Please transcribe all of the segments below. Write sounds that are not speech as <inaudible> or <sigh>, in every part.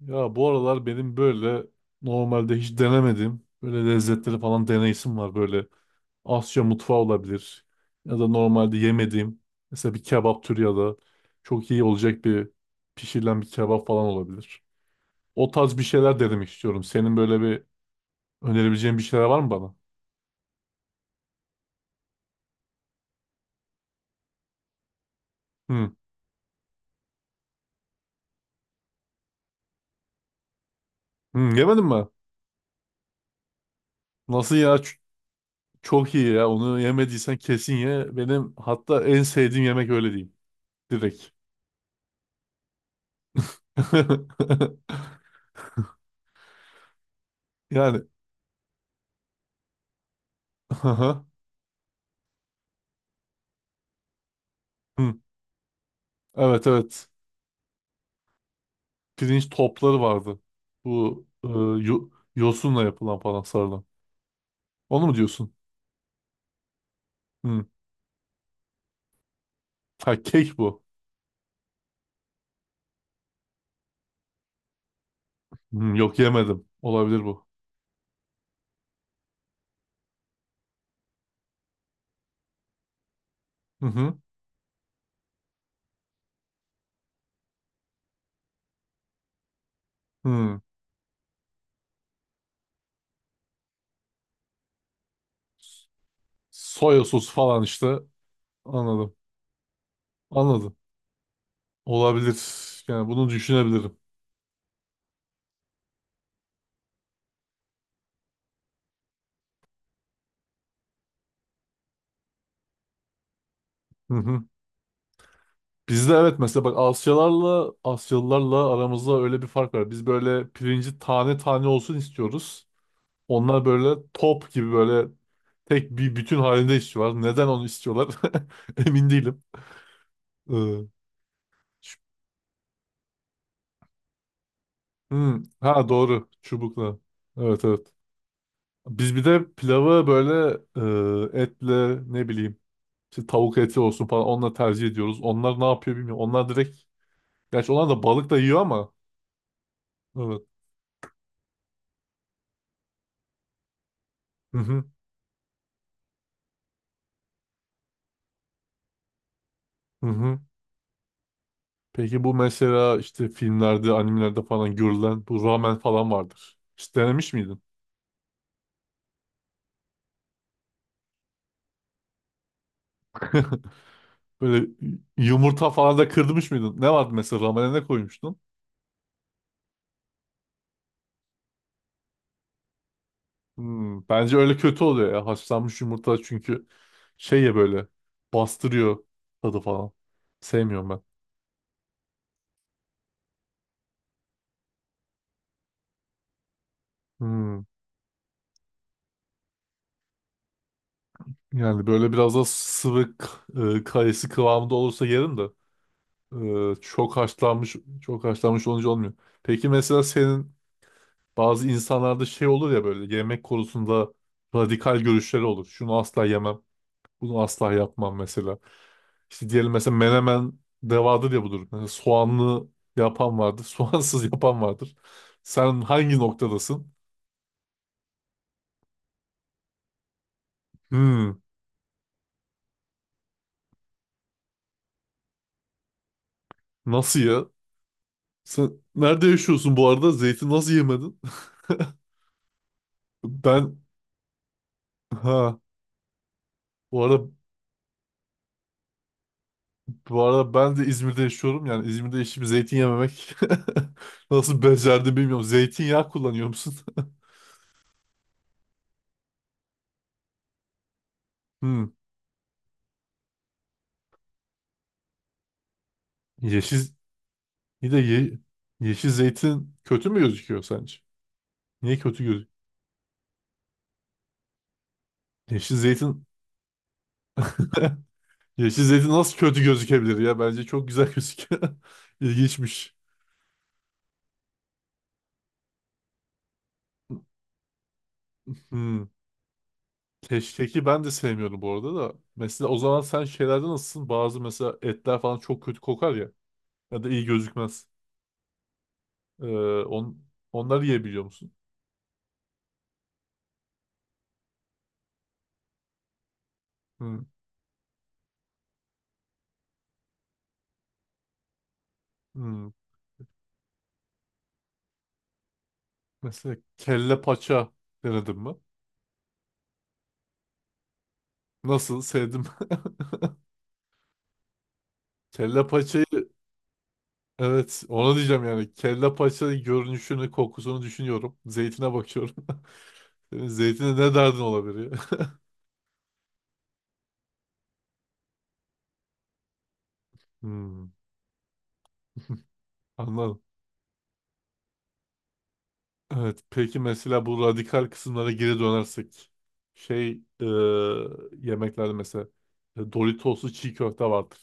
Ya bu aralar benim böyle normalde hiç denemediğim böyle lezzetleri falan deneyesim var. Böyle Asya mutfağı olabilir ya da normalde yemediğim mesela bir kebap türü ya da çok iyi olacak bir pişirilen bir kebap falan olabilir. O tarz bir şeyler denemek istiyorum. Senin böyle bir önerebileceğin bir şeyler var mı bana? Hı. Hı, yemedin mi? Nasıl ya? Çok iyi ya. Onu yemediysen kesin ye. Benim hatta en sevdiğim yemek öyle değil. Direkt. <laughs> Yani. <laughs> Hı. Evet evet. Pirinç topları vardı. Bu yo- yosunla yapılan falan sarılan. Onu mu diyorsun? Hı. Ha kek bu. Hı, yok yemedim. Olabilir bu. Hı hı. Hı. Soya sosu falan işte. Anladım. Anladım. Olabilir. Yani bunu düşünebilirim. Hı hı. Bizde evet mesela bak Asyalarla Asyalılarla aramızda öyle bir fark var. Biz böyle pirinci tane tane olsun istiyoruz. Onlar böyle top gibi böyle tek bir bütün halinde istiyorlar. Neden onu istiyorlar? <laughs> Emin değilim. Ee, ç- hmm, ha doğru. Çubukla. Evet evet. Biz bir de pilavı böyle etle ne bileyim işte tavuk eti olsun falan onunla tercih ediyoruz. Onlar ne yapıyor bilmiyorum. Onlar direkt gerçi onlar da balık da yiyor ama evet. Hı hı. Hı hı. Peki bu mesela işte filmlerde, animelerde falan görülen bu ramen falan vardır. Hiç denemiş miydin? Böyle yumurta falan da kırdırmış mıydın? Ne vardı mesela ramene ne koymuştun? Hmm, bence öyle kötü oluyor ya. Haşlanmış yumurta çünkü şey ya böyle bastırıyor tadı falan. Sevmiyorum ben. Hmm, yani böyle biraz da kayısı kıvamında olursa yerim de çok haşlanmış çok haşlanmış olunca olmuyor. Peki mesela senin bazı insanlarda şey olur ya böyle yemek konusunda radikal görüşleri olur. Şunu asla yemem. Bunu asla yapmam mesela. İşte diyelim mesela menemen devadır ya budur. Mesela soğanlı yapan vardır. <laughs> Soğansız yapan vardır. Sen hangi noktadasın? Hmm, nasıl ya? Sen nerede yaşıyorsun bu arada? Zeytin nasıl yemedin? <laughs> Ben ha bu arada ben de İzmir'de yaşıyorum. Yani İzmir'de yaşayıp zeytin yememek <laughs> nasıl becerdim bilmiyorum. Zeytinyağı kullanıyor musun? <laughs> Hmm. Yeşil bir de yeşil zeytin kötü mü gözüküyor sence? Niye kötü yeşil zeytin <laughs> yeşil zeytin nasıl kötü gözükebilir ya? Bence çok güzel gözüküyor. <laughs> İlginçmiş. Hmm. Keşkeki ben de sevmiyorum bu arada da. Mesela o zaman sen şeylerde nasılsın? Bazı mesela etler falan çok kötü kokar ya. Ya da iyi gözükmez. Ee, on, onları yiyebiliyor musun? Hmm. Hmm. Mesela kelle paça denedim mi? Nasıl? Sevdim mi? <laughs> Kelle paçayı evet, ona diyeceğim yani. Kelle paça görünüşünü, kokusunu düşünüyorum. Zeytine bakıyorum. <laughs> Senin zeytine ne derdin olabilir ya? <laughs> Hmm, anladım. Evet, peki mesela bu radikal kısımlara geri dönersek. Şey, e, yemeklerde mesela Doritos'lu çiğ köfte vardır.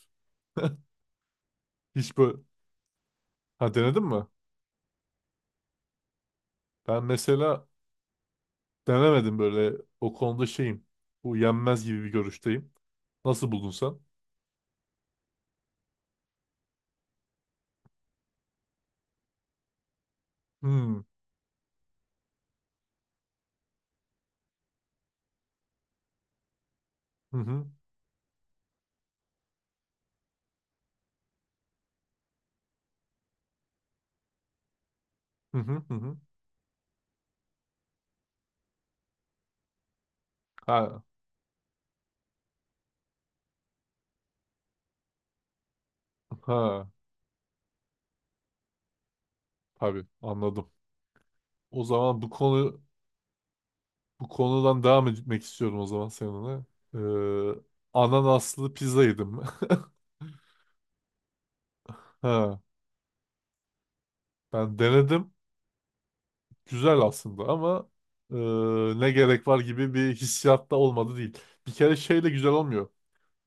Hiç böyle... Ha denedin mi? Ben mesela denemedim böyle. O konuda şeyim. Bu yenmez gibi bir görüşteyim. Nasıl buldun sen? Hmm. Hı hı. Hı hı hı hı. Ha. Ha. Tabii anladım. O zaman bu konudan devam etmek istiyorum o zaman seninle. Ee, ananaslı pizza yedim. <laughs> Ha, ben denedim. Güzel aslında ama ne gerek var gibi bir hissiyat da olmadı değil. Bir kere şeyle güzel olmuyor.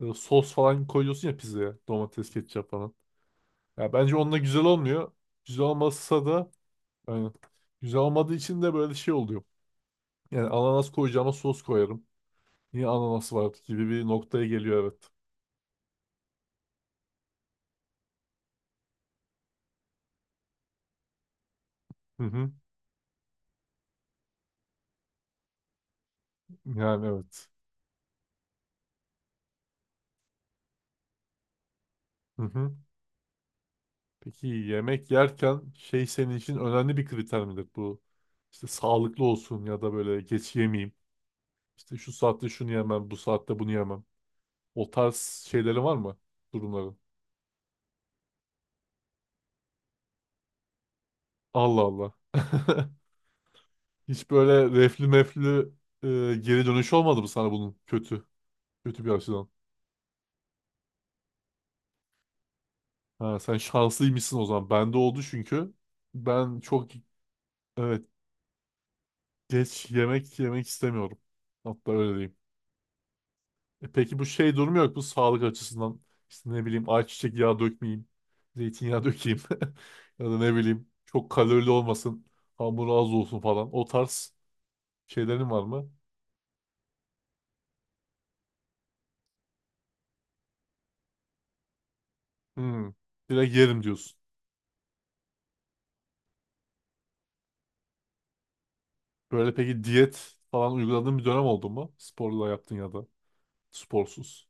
Sos falan koyuyorsun ya pizzaya. Domates, ketçap falan. Ya bence onunla güzel olmuyor. Güzel olmasa da aynen. Güzel olmadığı için de böyle şey oluyor. Yani ananas koyacağıma sos koyarım. Niye ananas var gibi bir noktaya geliyor evet. Hı hı. Yani evet. Hı hı. Peki yemek yerken şey senin için önemli bir kriter midir bu? İşte sağlıklı olsun ya da böyle geç yemeyeyim. İşte şu saatte şunu yemem, bu saatte bunu yemem. O tarz şeyleri var mı? Durumların. Allah Allah. <laughs> Hiç böyle reflü meflü e, geri dönüş olmadı mı sana bunun kötü? Kötü bir açıdan. Ha, sen şanslıymışsın o zaman. Bende oldu çünkü. Ben çok evet geç yemek yemek istemiyorum. Hatta öyle diyeyim. E peki bu şey durumu yok bu sağlık açısından işte ne bileyim ayçiçek yağı dökmeyeyim, zeytinyağı <laughs> dökeyim <laughs> ya da ne bileyim çok kalorili olmasın, hamuru az olsun falan o tarz şeylerin var mı? Hmm, direkt yerim diyorsun. Böyle peki diyet falan uyguladığın bir dönem oldu mu? Sporla yaptın ya da sporsuz.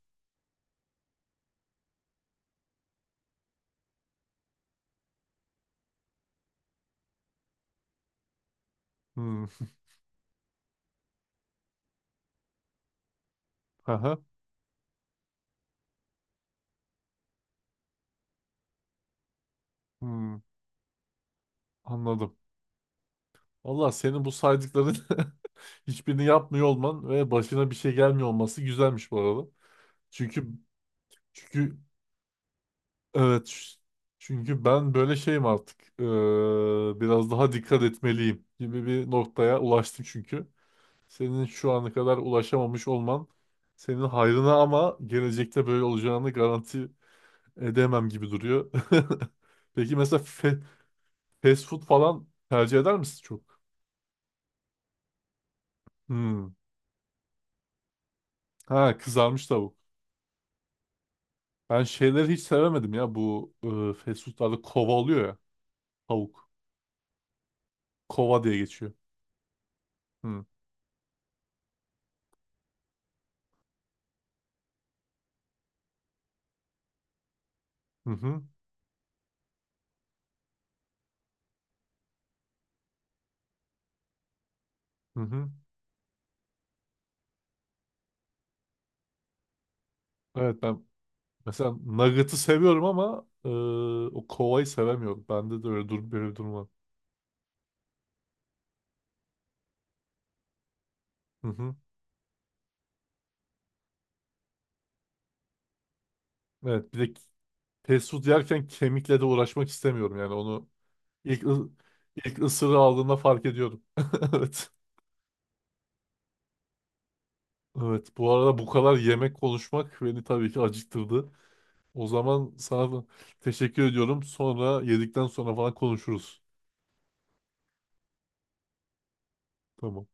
Hmm. Aha. Hmm. Anladım. Valla senin bu saydıkların <laughs> hiçbirini yapmıyor olman ve başına bir şey gelmiyor olması güzelmiş bu arada. Çünkü çünkü evet. Çünkü ben böyle şeyim artık. Biraz daha dikkat etmeliyim gibi bir noktaya ulaştım çünkü. Senin şu ana kadar ulaşamamış olman senin hayrına ama gelecekte böyle olacağını garanti edemem gibi duruyor. <laughs> Peki mesela fast food falan tercih eder misin çok? Hmm. Ha kızarmış tavuk. Ben şeyleri hiç sevemedim ya bu fast foodlarda kova oluyor ya tavuk. Kova diye geçiyor. Hmm. Hı hı. Hı hı. Evet ben mesela Nugget'ı seviyorum ama o kovayı sevemiyorum. Bende de öyle durum böyle bir durum var. Hı hı. Evet bir de fast food yerken kemikle de uğraşmak istemiyorum yani onu ilk ı- ilk ısırığı aldığında fark ediyorum. <laughs> Evet. Evet bu arada bu kadar yemek konuşmak beni tabii ki acıktırdı. O zaman sana da teşekkür ediyorum. Sonra yedikten sonra falan konuşuruz. Tamam.